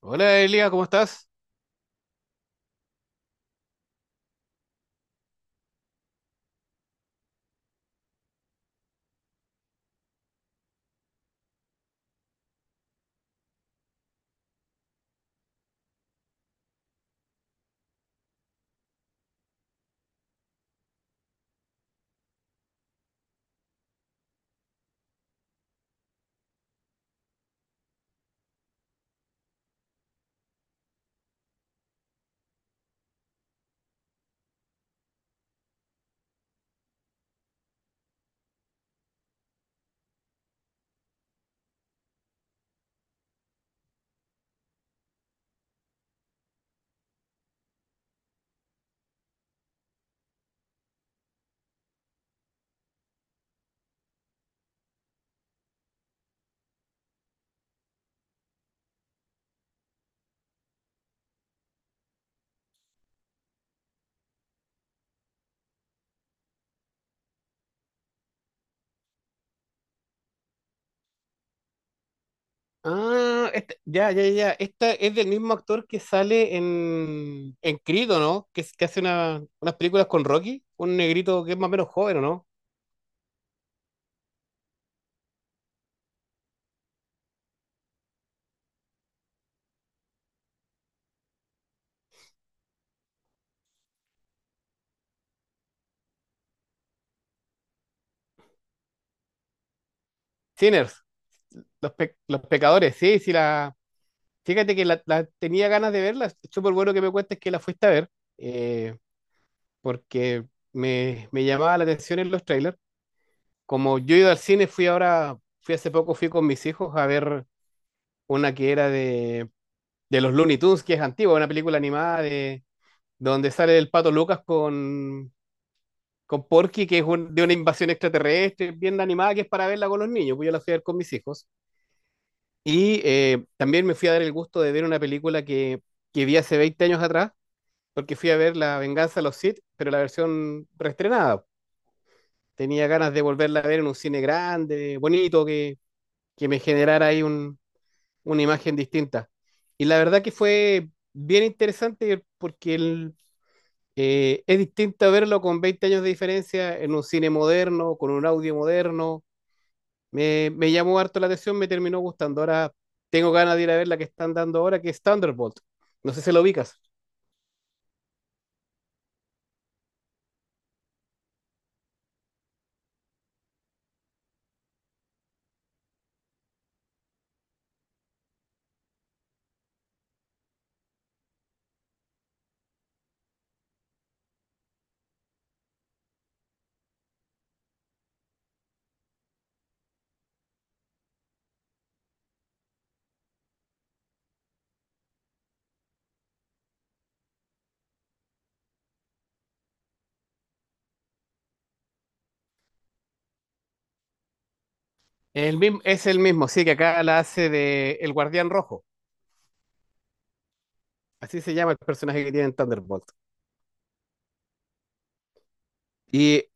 Hola Elia, ¿cómo estás? Ah, ya, ya, ya. Esta es del mismo actor que sale en Creed, ¿o no? Que hace unas películas con Rocky, un negrito que es más o menos joven, ¿o no? Sinners, los pecadores, sí, sí, la. Fíjate que la tenía ganas de verla. Es súper bueno que me cuentes que la fuiste a ver, eh, porque me llamaba la atención en los trailers. Como yo he ido al cine, fui ahora, fui hace poco, fui con mis hijos a ver una que era de los Looney Tunes, que es antigua, una película animada de donde sale el Pato Lucas con Porky, que es de una invasión extraterrestre, bien animada, que es para verla con los niños, pues yo la fui a ver con mis hijos. Y también me fui a dar el gusto de ver una película que vi hace 20 años atrás, porque fui a ver La Venganza de los Sith, pero la versión reestrenada. Tenía ganas de volverla a ver en un cine grande, bonito, que me generara ahí una imagen distinta. Y la verdad que fue bien interesante porque es distinto verlo con 20 años de diferencia en un cine moderno, con un audio moderno. Me llamó harto la atención, me terminó gustando. Ahora tengo ganas de ir a ver la que están dando ahora, que es Thunderbolt. No sé si lo ubicas. El mismo, es el mismo, sí, que acá la hace de El Guardián Rojo. Así se llama el personaje que tiene en Thunderbolt. Y,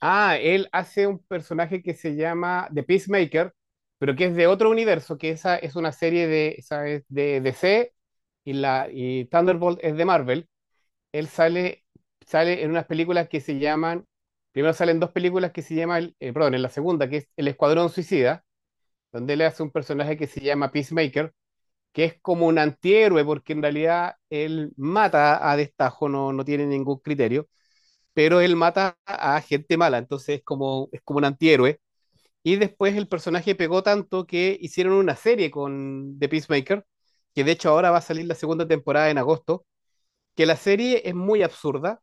ah, él hace un personaje que se llama The Peacemaker, pero que es de otro universo, que esa es una serie esa es de D C y Thunderbolt es de Marvel. Él sale en unas películas que se llaman, primero salen dos películas que se llaman, perdón, en la segunda, que es El Escuadrón Suicida, donde él hace un personaje que se llama Peacemaker, que es como un antihéroe, porque en realidad él mata a destajo, no tiene ningún criterio, pero él mata a gente mala, entonces es es como un antihéroe. Y después el personaje pegó tanto que hicieron una serie con The Peacemaker, que de hecho ahora va a salir la segunda temporada en agosto, que la serie es muy absurda,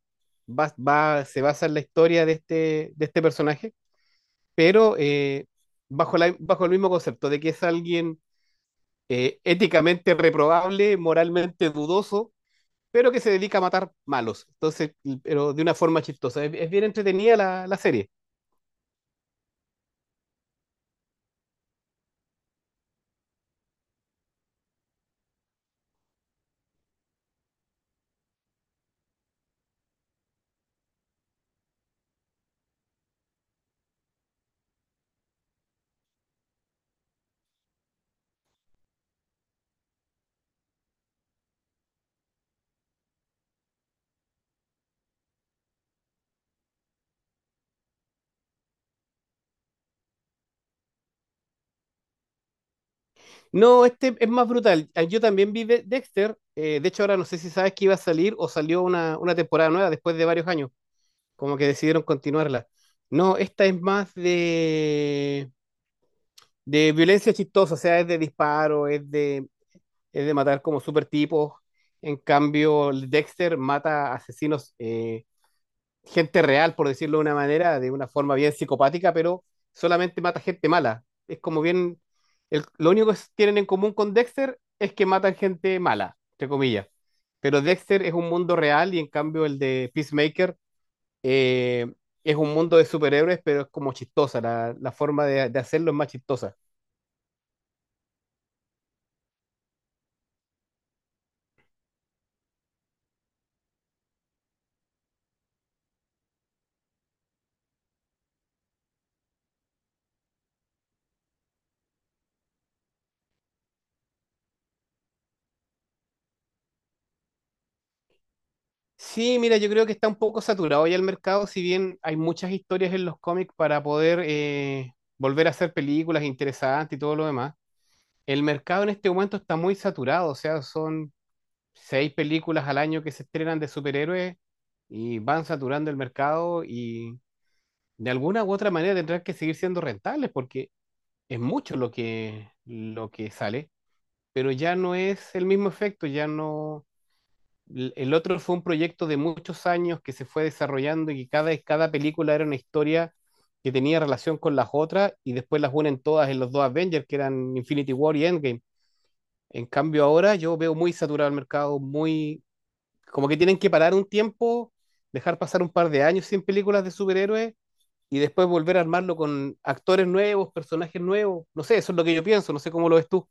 se basa en la historia de de este personaje, pero bajo bajo el mismo concepto de que es alguien éticamente reprobable, moralmente dudoso, pero que se dedica a matar malos. Entonces, pero de una forma chistosa. Es bien entretenida la serie. No, este es más brutal. Ah, yo también vi Dexter. De hecho, ahora no sé si sabes que iba a salir o salió una temporada nueva después de varios años. Como que decidieron continuarla. No, esta es más de violencia chistosa, o sea, es de disparo, es de matar como super tipos. En cambio, el Dexter mata asesinos, gente real, por decirlo de una manera, de una forma bien psicopática, pero solamente mata gente mala. Es como bien, lo único que tienen en común con Dexter es que matan gente mala, entre comillas. Pero Dexter es un mundo real y en cambio el de Peacemaker eh, es un mundo de superhéroes, pero es como chistosa, la forma de hacerlo es más chistosa. Sí, mira, yo creo que está un poco saturado ya el mercado, si bien hay muchas historias en los cómics para poder volver a hacer películas interesantes y todo lo demás. El mercado en este momento está muy saturado, o sea, son 6 películas al año que se estrenan de superhéroes y van saturando el mercado y de alguna u otra manera tendrán que seguir siendo rentables porque es mucho lo que sale. Pero ya no es el mismo efecto, ya no... El otro fue un proyecto de muchos años que se fue desarrollando y que cada película era una historia que tenía relación con las otras y después las unen todas en los dos Avengers, que eran Infinity War y Endgame. En cambio ahora yo veo muy saturado el mercado, muy... como que tienen que parar un tiempo, dejar pasar un par de años sin películas de superhéroes y después volver a armarlo con actores nuevos, personajes nuevos. No sé, eso es lo que yo pienso, no sé cómo lo ves tú.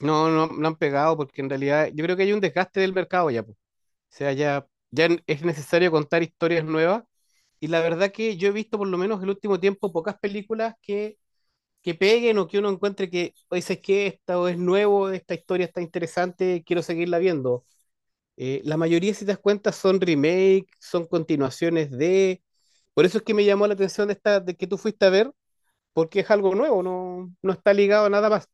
No, no, no han pegado porque en realidad yo creo que hay un desgaste del mercado ya, po. O sea, ya es necesario contar historias nuevas. Y la verdad que yo he visto por lo menos el último tiempo pocas películas que peguen o que uno encuentre que, o dices que esta o es nuevo, esta historia está interesante, quiero seguirla viendo. La mayoría, si te das cuenta, son remake, son continuaciones de... Por eso es que me llamó la atención esta de que tú fuiste a ver, porque es algo nuevo, no está ligado a nada más.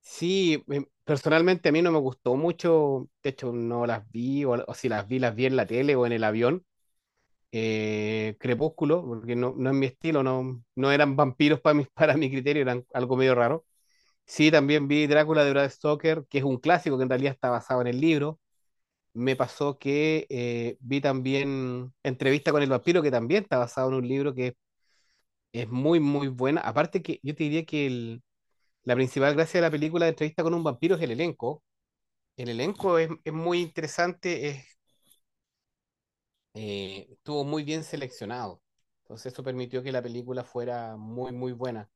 Sí, personalmente a mí no me gustó mucho, de hecho no las vi, o si las vi, las vi en la tele o en el avión. Crepúsculo, porque no es mi estilo, no eran vampiros para mi, para mi criterio, eran algo medio raro. Sí, también vi Drácula de Brad Stoker, que es un clásico que en realidad está basado en el libro. Me pasó que vi también Entrevista con el vampiro, que también está basado en un libro que es muy, muy buena. Aparte que yo te diría que la principal gracia de la película de Entrevista con un vampiro es el elenco. El elenco es muy interesante, estuvo muy bien seleccionado. Entonces eso permitió que la película fuera muy, muy buena.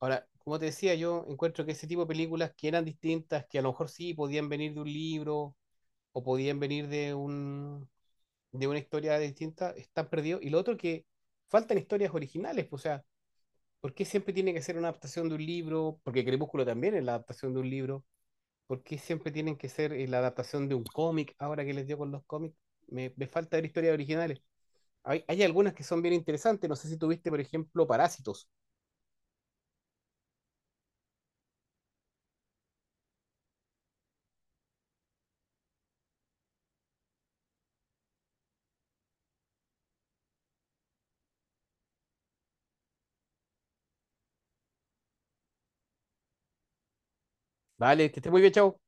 Ahora, como te decía, yo encuentro que ese tipo de películas que eran distintas, que a lo mejor sí podían venir de un libro o podían venir de un, de una historia distinta, están perdidos. Y lo otro que faltan historias originales, pues, o sea, ¿por qué siempre tiene que ser una adaptación de un libro? Porque Crepúsculo también es la adaptación de un libro. ¿Por qué siempre tienen que ser la adaptación de un cómic ahora que les dio con los cómics? Me falta ver historias originales. Hay algunas que son bien interesantes. No sé si tuviste, por ejemplo, Parásitos. Vale, que esté muy bien, chao.